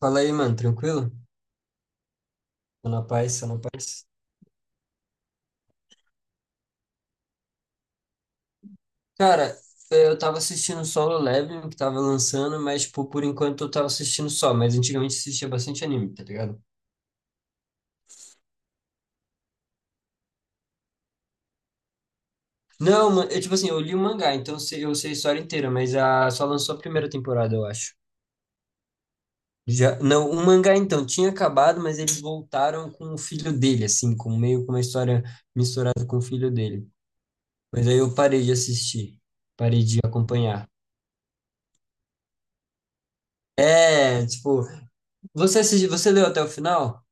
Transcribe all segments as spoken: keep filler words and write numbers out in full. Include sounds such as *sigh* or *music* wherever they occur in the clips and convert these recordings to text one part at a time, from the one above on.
Fala aí, mano, tranquilo? Tô na paz, tô na paz. Cara, é, eu tava assistindo Solo Leveling, que tava lançando, mas, tipo, por enquanto eu tava assistindo só, mas antigamente assistia bastante anime, tá ligado? Não, mano, eu, tipo assim, eu li o mangá, então eu sei eu sei a história inteira, mas a, só lançou a primeira temporada, eu acho. Já, não, o mangá, então, tinha acabado, mas eles voltaram com o filho dele, assim, com meio com uma história misturada com o filho dele. Mas aí eu parei de assistir, parei de acompanhar. É, tipo, você assisti, você leu até o final?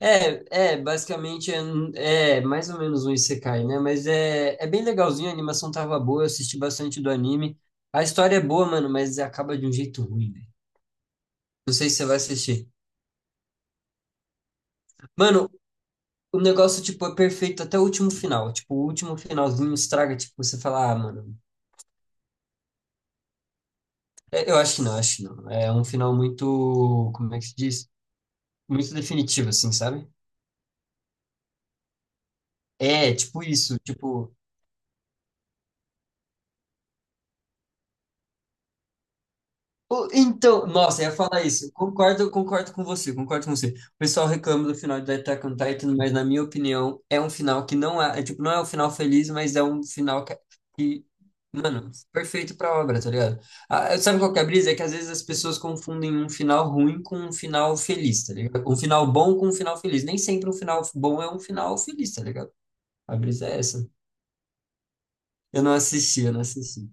É, é, basicamente é, um- é mais ou menos um isekai, né? Mas é, é bem legalzinho, a animação tava boa, eu assisti bastante do anime. A história é boa, mano, mas acaba de um jeito ruim, velho. Não sei se você vai assistir. Mano, o negócio, tipo, é perfeito até o último final. Tipo, o último finalzinho estraga, tipo, você fala, ah, mano. é, eu acho que não, acho que não. É um final muito, como é que se diz? Muito definitivo, assim, sabe? É, tipo isso, tipo. O- Então, nossa, eu ia falar isso. Concordo, concordo com você, concordo com você. O pessoal reclama do final de Attack on Titan, mas na minha opinião, é um final que não é, é tipo, não é um final feliz, mas é um final que, que, mano, perfeito pra obra, tá ligado? Ah, sabe qual que é a brisa? É que às vezes as pessoas confundem um final ruim com um final feliz, tá ligado? Um final bom com um final feliz. Nem sempre um final bom é um final feliz, tá ligado? A brisa é essa. Eu não assisti, eu não assisti.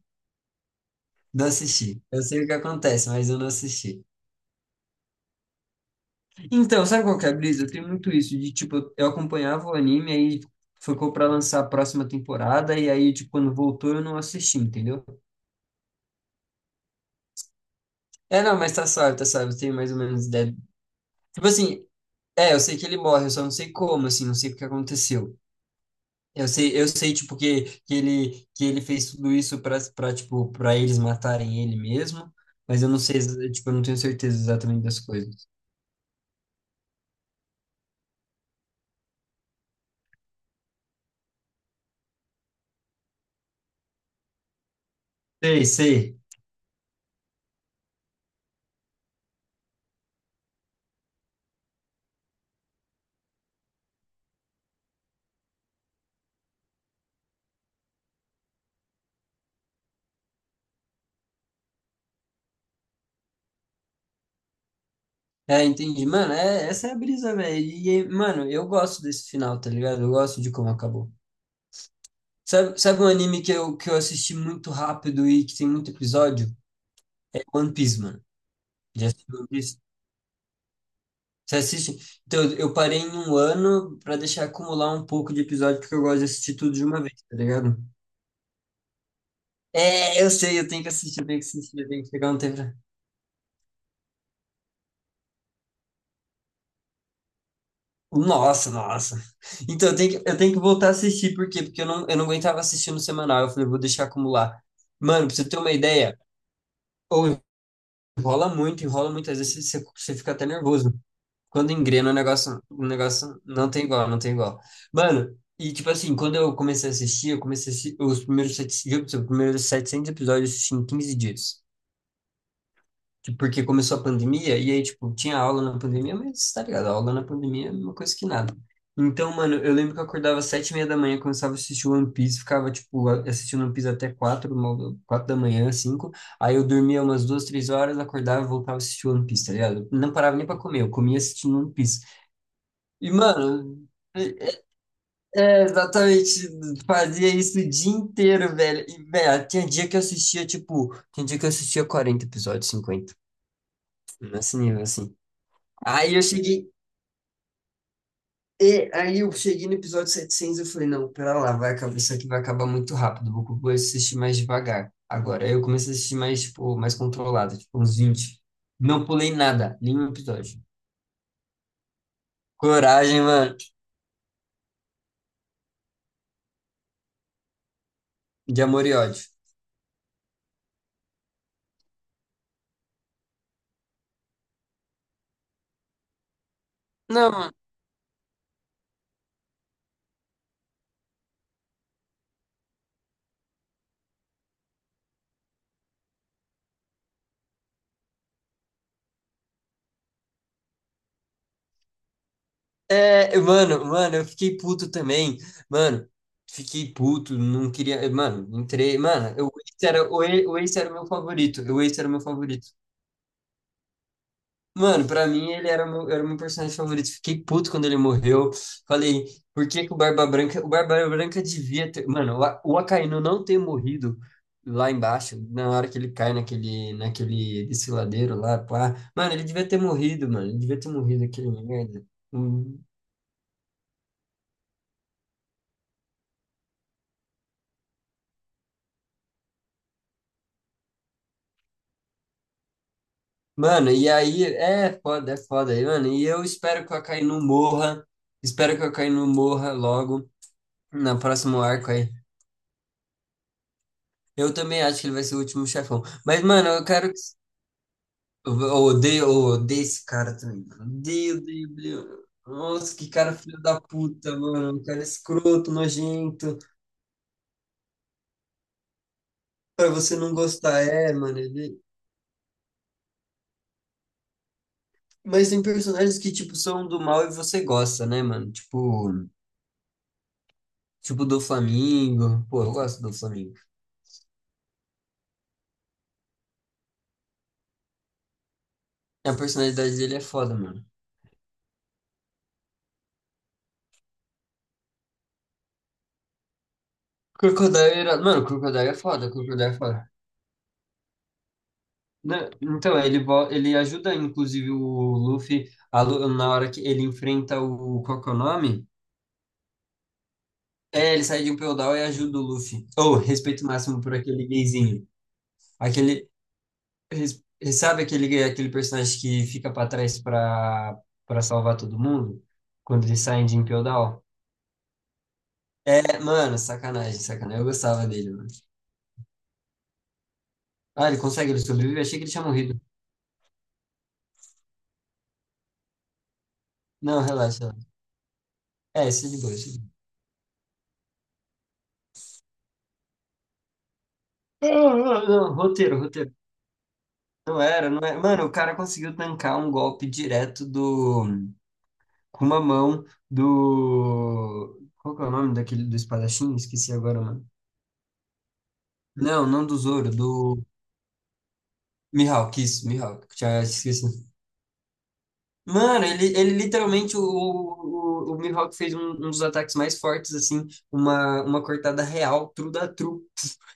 Não assisti. Eu sei o que acontece, mas eu não assisti. Então, sabe qual que é a brisa? Eu tenho muito isso de, tipo, eu acompanhava o anime, aí ficou pra lançar a próxima temporada, e aí, tipo, quando voltou eu não assisti, entendeu? É, não, mas tá salvo, tá salvo, eu tenho mais ou menos ideia. Tipo assim, é, eu sei que ele morre, eu só não sei como, assim, não sei o que aconteceu. Eu sei, eu sei, tipo, que, que ele, que ele fez tudo isso pra, pra, tipo, pra eles matarem ele mesmo, mas eu não sei, exa- tipo, eu não tenho certeza exatamente das coisas. Sei, sei. É, entendi. Mano, é, essa é a brisa, velho. E, e, mano, eu gosto desse final, tá ligado? Eu gosto de como acabou. Sabe, sabe um anime que eu, que eu assisti muito rápido e que tem muito episódio? É One Piece, mano. Já assistiu One Piece? Você assiste? Então, eu parei em um ano pra deixar acumular um pouco de episódio, porque eu gosto de assistir tudo de uma vez, tá ligado? É, eu sei, eu tenho que assistir, eu tenho que assistir, eu tenho que pegar um tempo. Nossa, nossa. Então eu tenho que, eu tenho que voltar a assistir, por quê? Porque eu não, eu não aguentava assistir no semanal. Eu falei, vou deixar acumular. Mano, pra você ter uma ideia, ou enrola muito, enrola muito, às vezes você, você fica até nervoso. Quando engrena o negócio, o negócio não tem igual, não tem igual. Mano, e tipo assim, quando eu comecei a assistir, eu comecei a assistir os primeiros, sete- viu, os primeiros setecentos episódios eu assisti em quinze dias. Tipo, porque começou a pandemia, e aí, tipo, tinha aula na pandemia, mas tá ligado, aula na pandemia é uma coisa que nada. Então, mano, eu lembro que eu acordava às sete e meia da manhã, começava a assistir One Piece, ficava, tipo, a- assistindo One Piece até quatro, uma- quatro da manhã, cinco, aí eu dormia umas duas, três horas, acordava e voltava a assistir One Piece, tá ligado? Não parava nem pra comer, eu comia assistindo One Piece. E, mano, é, é, exatamente. Fazia isso o dia inteiro, velho. E, velho, tinha dia que eu assistia, tipo, tinha dia que eu assistia quarenta episódios, cinquenta. Nesse nível, assim. Aí eu cheguei, e aí eu cheguei no episódio setecentos eu falei, não, pera lá, vai acabar, isso aqui vai acabar muito rápido, vou vou assistir mais devagar agora. Aí eu comecei a assistir mais, tipo, mais controlado, tipo, uns vinte. Não pulei nada, nenhum episódio. Coragem, mano, de amor e ódio. Não, é, mano, mano, eu fiquei puto também, mano. Fiquei puto, não queria. Mano, entrei. Mano, o Ace era o Ace- o Ace era o meu favorito. O Ace era o meu favorito. Mano, pra mim ele era o meu, era o meu personagem favorito. Fiquei puto quando ele morreu. Falei, por que que o Barba Branca. O Barba Branca devia ter. Mano, o, A- o Akainu não ter morrido lá embaixo, na hora que ele cai naquele, naquele desfiladeiro lá, pá. Mano, ele devia ter morrido, mano. Ele devia ter morrido, aquele merda. Hum. Mano, e aí. É foda, é foda. E, mano, e eu espero que o Akainu morra. Espero que o Akainu morra logo, no próximo arco aí. Eu também acho que ele vai ser o último chefão. Mas, mano, eu quero. Eu eu odeio, eu odeio esse cara também, mano. Odeio, odeio, odeio. Nossa, que cara filho da puta, mano. Um cara escroto, nojento. Pra você não gostar, é, mano. ele- Mas tem personagens que, tipo, são do mal e você gosta, né, mano? Tipo, tipo do Flamingo. Pô, eu gosto do Flamingo. A personalidade dele é foda, mano. Crocodile era... Mano, Crocodile é foda, Crocodile é foda. Né? Então, ele, vo- ele ajuda, inclusive, o Luffy a Lu- na hora que ele enfrenta o... Qual que é o nome? É, ele sai de um feudal e ajuda o Luffy. Ou, respeito máximo por aquele gayzinho. Aquele, res- sabe aquele, aquele personagem que fica pra trás pra, pra salvar todo mundo? Quando eles saem de Impel Down? É, mano, sacanagem, sacanagem. Eu gostava dele, mano. Ah, ele consegue, ele sobrevive? Achei que ele tinha morrido. Não, relaxa, relaxa. É, isso é de boa, isso é de boa. Ah, ah, não, roteiro, roteiro. Não era, não era. Mano, o cara conseguiu tancar um golpe direto do... com uma mão do. Qual que é o nome daquele do espadachim? Esqueci agora, mano. Não, não do Zoro, do. Mihawk, isso, Mihawk, já esqueci. Mano, ele, ele literalmente, o, o, o Mihawk fez um, um dos ataques mais fortes, assim, uma, uma cortada real, tru da tru.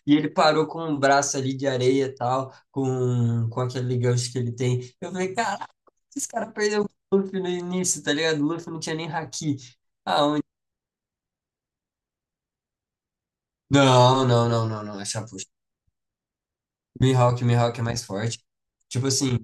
E ele parou com um braço ali de areia e tal, com, com aquele gancho que ele tem. Eu falei, caraca, esse cara perdeu o Luffy no início, tá ligado? O Luffy não tinha nem haki. Aonde? Não, não, não, não, não, é chapu. Mihawk, Mihawk é mais forte. Tipo assim,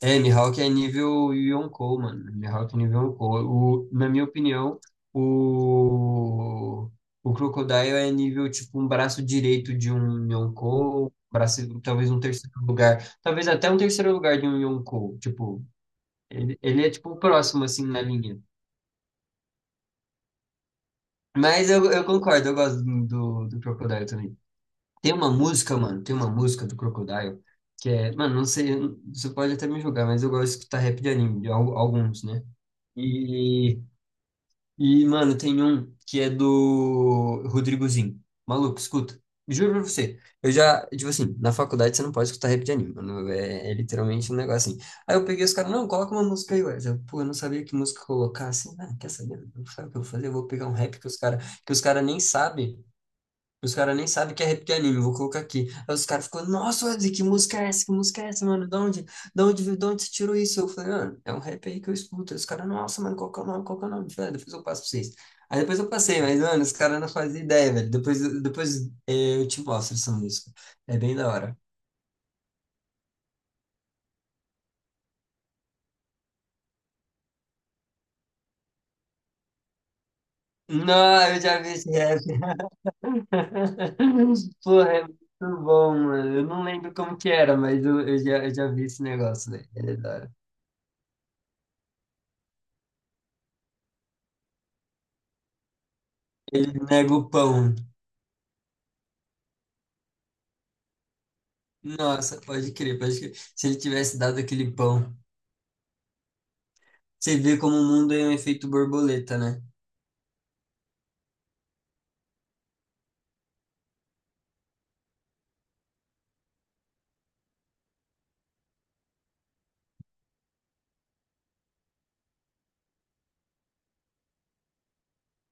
é, Mihawk é nível Yonkou, mano. Mihawk é nível Yonkou. O, na minha opinião, o, o Crocodile é nível, tipo, um braço direito de um Yonkou, um braço, talvez um terceiro lugar, talvez até um terceiro lugar de um Yonkou. Tipo, ele, ele é, tipo, o próximo, assim, na linha. Mas eu, eu concordo, eu gosto do, do, do Crocodile também. Tem uma música, mano, tem uma música do Crocodile que é, mano, não sei, você pode até me julgar, mas eu gosto de escutar rap de anime, de al- alguns, né? E, e mano, tem um que é do Rodrigozinho. Maluco, escuta. Juro pra você. Eu já, tipo assim, na faculdade você não pode escutar rap de anime, mano. É, é literalmente um negócio assim. Aí eu peguei os caras, não, coloca uma música aí, ué. Eu, pô, eu não sabia que música colocar assim. Ah, quer saber? Não sabe o que eu vou fazer? Eu vou pegar um rap que os caras que os cara nem sabem. Os caras nem sabem que é rap de anime, vou colocar aqui. Aí os caras ficam, nossa, Wesley, que música é essa? Que música é essa, mano? Da onde, da onde, viu- da onde você tirou isso? Eu falei, mano, é um rap aí que eu escuto. Aí os caras, nossa, mano, qual que é o nome? Qual que é o nome? Falei, "Ah, depois eu passo pra vocês." Aí depois eu passei, mas, mano, os caras não fazem ideia, velho. Depois, depois eh, eu te mostro essa música. É bem da hora. Não, eu já vi esse rap. *laughs* Porra, é muito bom, mano. Eu não lembro como que era, mas eu, eu já, eu já vi esse negócio, né? Ele é da hora. Ele nega o pão. Nossa, pode crer, pode crer. Se ele tivesse dado aquele pão, você vê como o mundo é um efeito borboleta, né?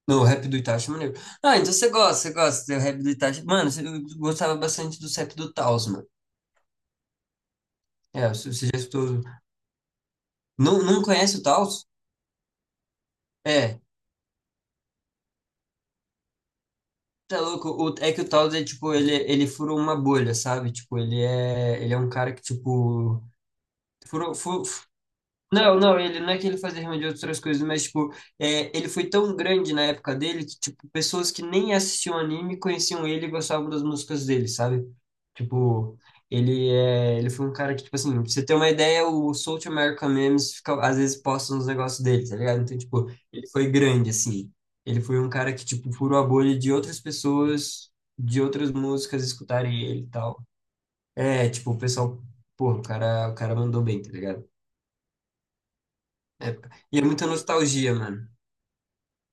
No, o rap do Itachi é maneiro. Ah, então você gosta, você gosta do rap do Itachi. Mano, você- eu gostava bastante do rap do Taos, mano. É, você você já escutou. Não, não conhece o Taos? É, tá louco. O- é que o Taos é tipo, ele, ele furou uma bolha, sabe? Tipo, ele é, ele é um cara que, tipo, furou, fu- Não, não, ele não é que ele fazia rima de outras coisas, mas, tipo, é, ele foi tão grande na época dele que, tipo, pessoas que nem assistiam anime conheciam ele e gostavam das músicas dele, sabe? Tipo, ele é, ele foi um cara que, tipo assim, pra você ter uma ideia, o South American Memes fica, às vezes posta uns negócios dele, tá ligado? Então, tipo, ele foi grande, assim. Ele foi um cara que, tipo, furou a bolha de outras pessoas, de outras músicas escutarem ele e tal. É, tipo, o pessoal, pô, o cara, o cara mandou bem, tá ligado? Época. E é muita nostalgia, mano.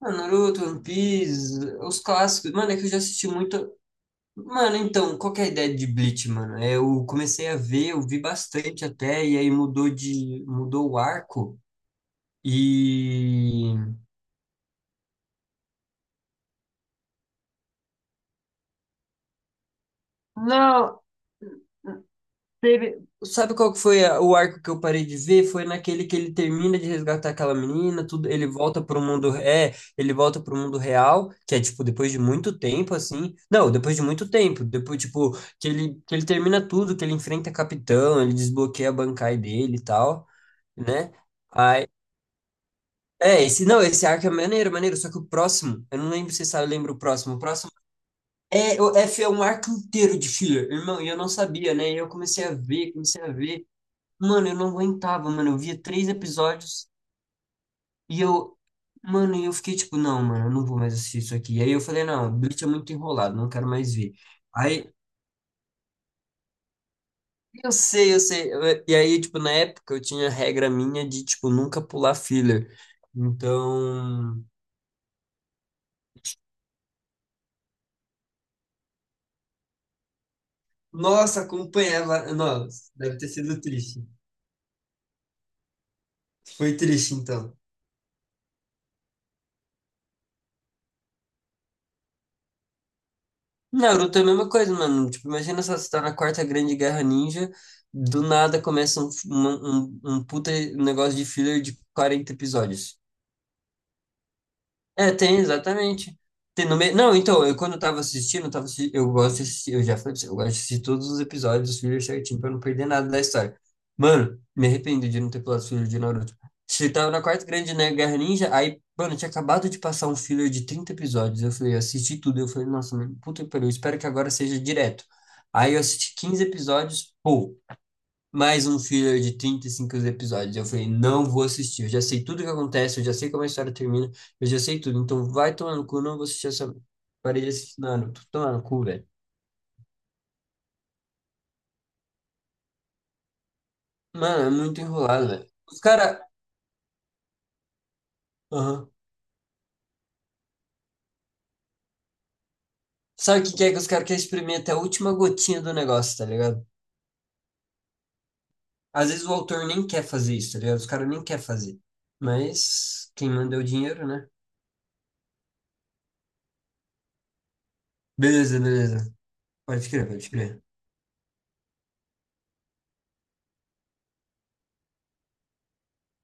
Ah, Naruto, One Piece, os clássicos. Mano, é que eu já assisti muito. Mano, então, qual que é a ideia de Bleach, mano? É, eu comecei a ver, eu vi bastante até, e aí mudou de, mudou o arco. E não. Teve- Sabe qual que foi a- o arco que eu parei de ver? Foi naquele que ele termina de resgatar aquela menina, tudo, ele volta pro mundo, é, ele volta pro mundo real, que é tipo depois de muito tempo assim. Não, depois de muito tempo, depois tipo que ele que ele termina tudo, que ele enfrenta capitão, ele desbloqueia a Bankai dele e tal, né? Aí, é, esse não, esse arco é maneiro, maneiro, só que o próximo, eu não lembro se você sabe, lembra o próximo, o próximo é, o F é um arco inteiro de filler, irmão, e eu não sabia, né? E eu comecei a ver, comecei a ver. Mano, eu não aguentava, mano. Eu via três episódios e eu. Mano, e eu fiquei tipo, não, mano, eu não vou mais assistir isso aqui. Aí eu falei, não, Bleach é muito enrolado, não quero mais ver. Aí, eu sei, eu sei. eu- E aí, tipo, na época eu tinha regra minha de, tipo, nunca pular filler. Então. Nossa, acompanhava. Nossa, deve ter sido triste. Foi triste, então. Naruto é a mesma coisa, mano. Tipo, imagina só, você tá na Quarta Grande Guerra Ninja, do nada começa um, f- um, um puta negócio de filler de quarenta episódios. É, tem, exatamente. Tem no meio. Não, então, eu quando eu tava assistindo, eu, tava assi- eu gosto de assistir, eu já falei pra você, eu gosto de assistir todos os episódios dos fillers certinho pra não perder nada da história. Mano, me arrependo de não ter pulado os fillers de Naruto. Você tava na quarta grande, né, Guerra Ninja, aí, mano, tinha acabado de passar um filler de trinta episódios. Eu falei, eu assisti tudo. Eu falei, nossa, mano, puta que pariu, eu espero que agora seja direto. Aí eu assisti quinze episódios, pô, mais um filler de trinta e cinco episódios. Eu falei, não vou assistir. Eu já sei tudo o que acontece, eu já sei como a história termina, eu já sei tudo. Então vai tomar no cu, não vou assistir essa. Parei de assistir Naruto. Tomar no cu, velho. Mano, é muito enrolado, velho. Os caras. Aham. Sabe o que que é que os caras querem exprimir até a última gotinha do negócio, tá ligado? Às vezes o autor nem quer fazer isso, tá ligado? Os caras nem querem fazer. Mas quem manda é o dinheiro, né? Beleza, beleza. Pode crer, pode crer.